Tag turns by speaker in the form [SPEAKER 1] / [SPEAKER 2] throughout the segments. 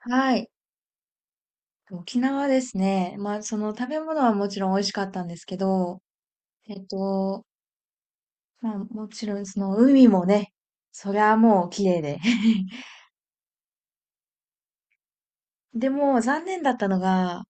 [SPEAKER 1] はい。沖縄ですね。まあ、その食べ物はもちろん美味しかったんですけど、えっと、まあ、もちろんその海もね、そりゃもう綺麗で。でも残念だったのが、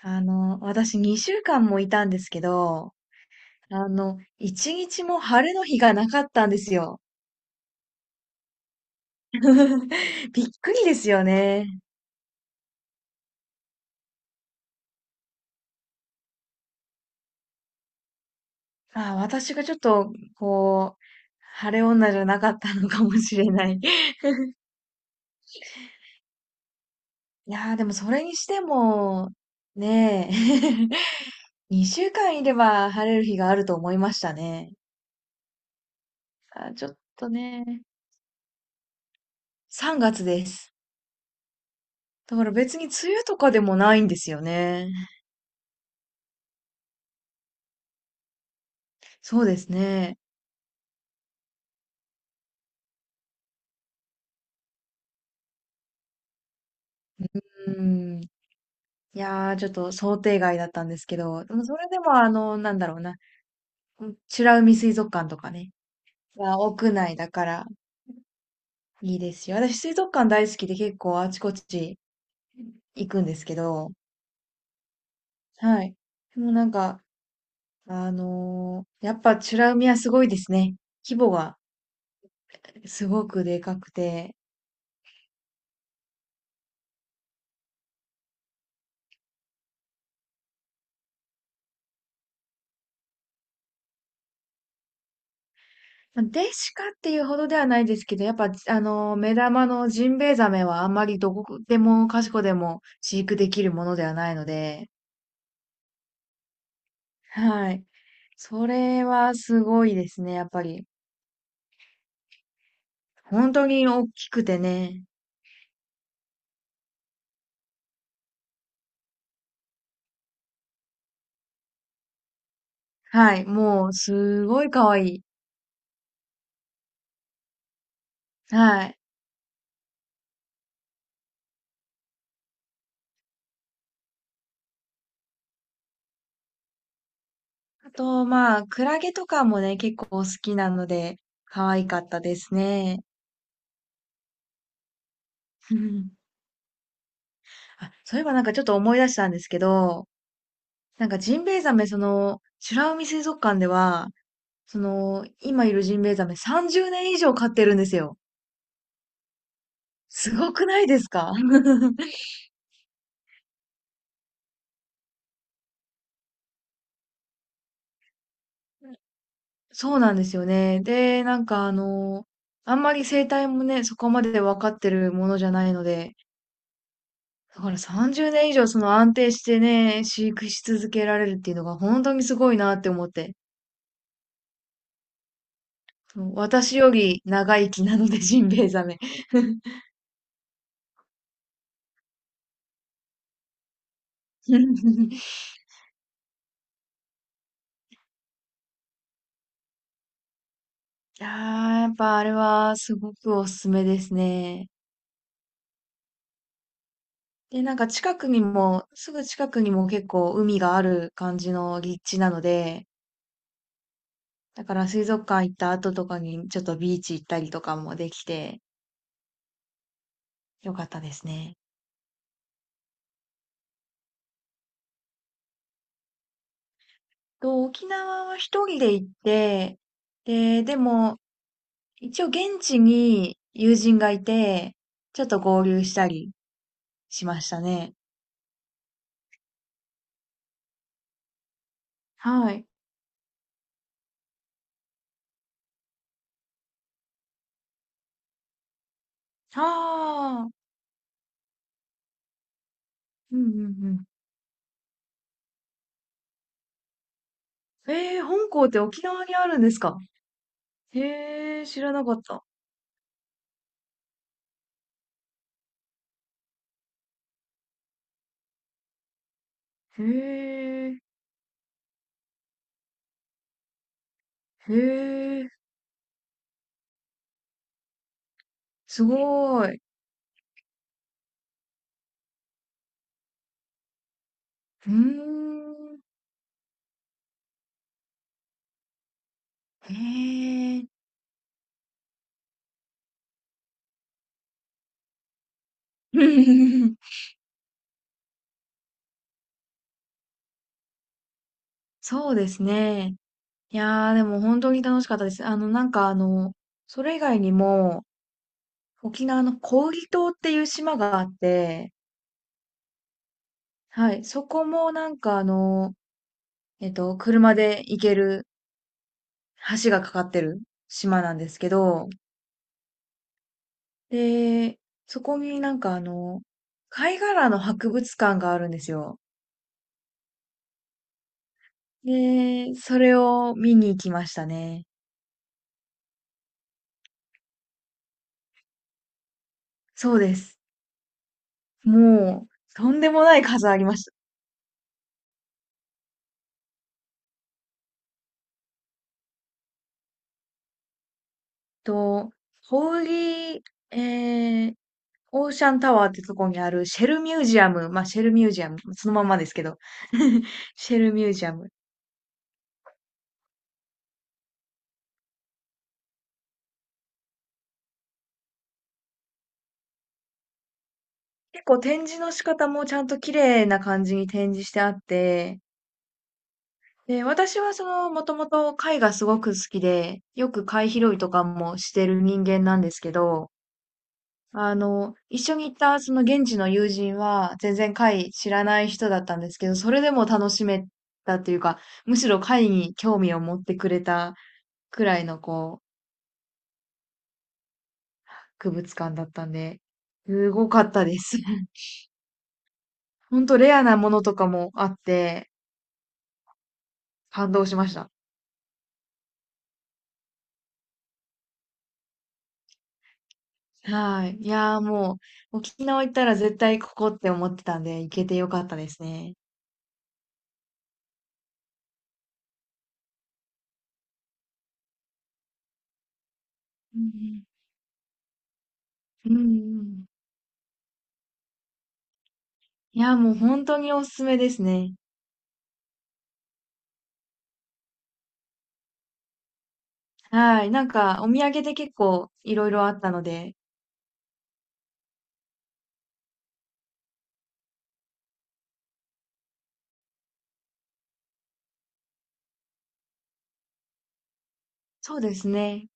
[SPEAKER 1] 私2週間もいたんですけど、1日も晴れの日がなかったんですよ。びっくりですよね。まあ私がちょっと、こう、晴れ女じゃなかったのかもしれない。でもそれにしても、ねえ、2週間いれば晴れる日があると思いましたね。あ、ちょっとね、3月です。だから別に梅雨とかでもないんですよね。そうですね。うん。ちょっと想定外だったんですけど、でもそれでもあの、なんだろうな、うん、美ら海水族館とかね、は屋内だからいいですよ。私水族館大好きで結構あちこち行くんですけど、はい。でもなんか、やっぱチュラ海はすごいですね。規模がすごくでかくて。まあデシカっていうほどではないですけど、やっぱ、目玉のジンベエザメはあんまりどこでもかしこでも飼育できるものではないので、はい。それはすごいですね、やっぱり。本当に大きくてね。はい。もう、すごい可愛い。はい。あと、まあ、クラゲとかもね、結構好きなので、可愛かったですね。あ、そういえばなんかちょっと思い出したんですけど、なんかジンベエザメ、その、美ら海水族館では、その、今いるジンベエザメ30年以上飼ってるんですよ。すごくないですか？ そうなんですよね。で、あんまり生態もね、そこまで分かってるものじゃないので、だから30年以上その安定してね、飼育し続けられるっていうのが本当にすごいなって思って。そう、私より長生きなので、ジンベエザメ。ああ、やっぱあれはすごくおすすめですね。で、なんか近くにも、すぐ近くにも結構海がある感じの立地なので、だから水族館行った後とかにちょっとビーチ行ったりとかもできてよかったですね。沖縄は一人で行って、でも一応現地に友人がいて、ちょっと合流したりしましたね。はい。ああ、うんうんうん。えー、本校って沖縄にあるんですか？へえ、知らなかった。へえ、へえ、すごい。うーん、へえ。そうですね。いやー、でも本当に楽しかったです。それ以外にも、沖縄の小宇利島っていう島があって、はい、そこも車で行ける橋がかかってる島なんですけど、で、そこに貝殻の博物館があるんですよ。で、それを見に行きましたね。そうです。もう、とんでもない数ありました。と、ホーリー、えー、オーシャンタワーってとこにあるシェルミュージアム。まあ、シェルミュージアム。そのまんまですけど。シェルミュージアム。結構展示の仕方もちゃんと綺麗な感じに展示してあって、で、私はその、もともと貝がすごく好きで、よく貝拾いとかもしてる人間なんですけど、あの、一緒に行ったその現地の友人は全然貝知らない人だったんですけど、それでも楽しめたというか、むしろ貝に興味を持ってくれたくらいのこう、博物館だったんで、すごかったです。ほんとレアなものとかもあって、感動しました。はい。いやー、もう、沖縄行ったら絶対ここって思ってたんで、行けてよかったですね。うんうんうんうん。いやー、もう本当におすすめですね。はい。なんか、お土産で結構いろいろあったので、そうですね。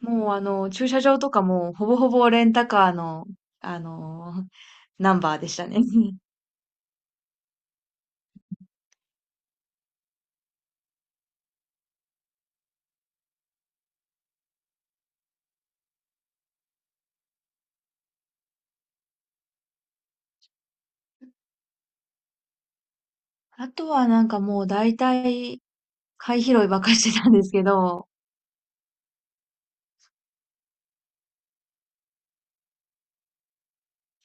[SPEAKER 1] もうあの、駐車場とかもほぼほぼレンタカーの、あのナンバーでしたね。あとはなんかもう大体、貝拾いばっかりしてたんですけど、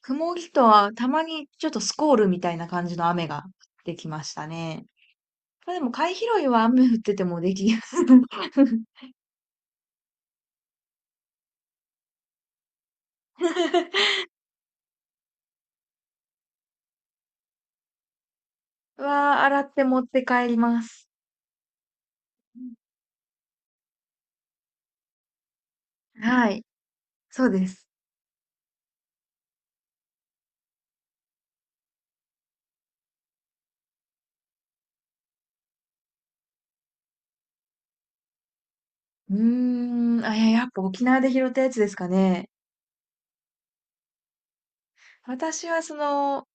[SPEAKER 1] 雲木とはたまにちょっとスコールみたいな感じの雨が降ってきましたね。まあ、でも貝拾いは雨降っててもできる。は洗って持って帰ります。はい。そうです。うーん。あ、いや、やっぱ沖縄で拾ったやつですかね。私はその、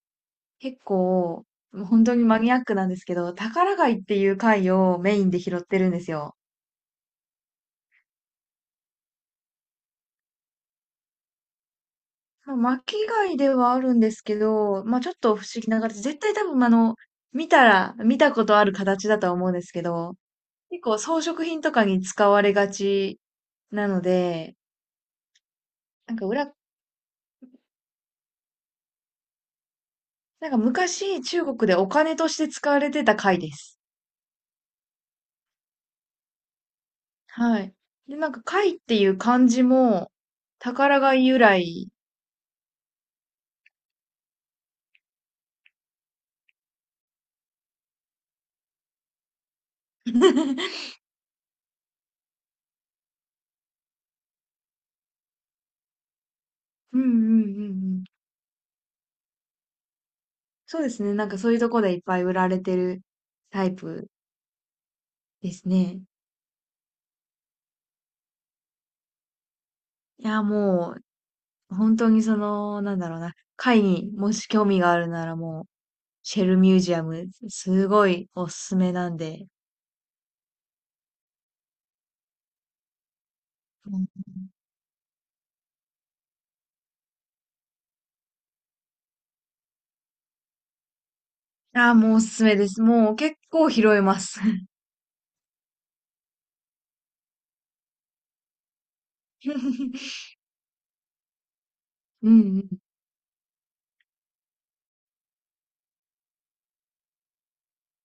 [SPEAKER 1] 結構、もう本当にマニアックなんですけど、宝貝っていう貝をメインで拾ってるんですよ。まあ巻き貝ではあるんですけど、まあちょっと不思議な形、絶対多分あの、見たら、見たことある形だとは思うんですけど、結構装飾品とかに使われがちなので、なんか裏、なんか昔中国でお金として使われてた貝です。はい。で、なんか貝っていう漢字も宝貝由来。うんうんうんうん。そうですね。なんかそういうとこでいっぱい売られてるタイプですね。いや、もう本当にその、なんだろうな。貝にもし興味があるならもう、シェルミュージアム、すごいおすすめなんで。ああ、もうおすすめです。もう結構拾えます。うんうん。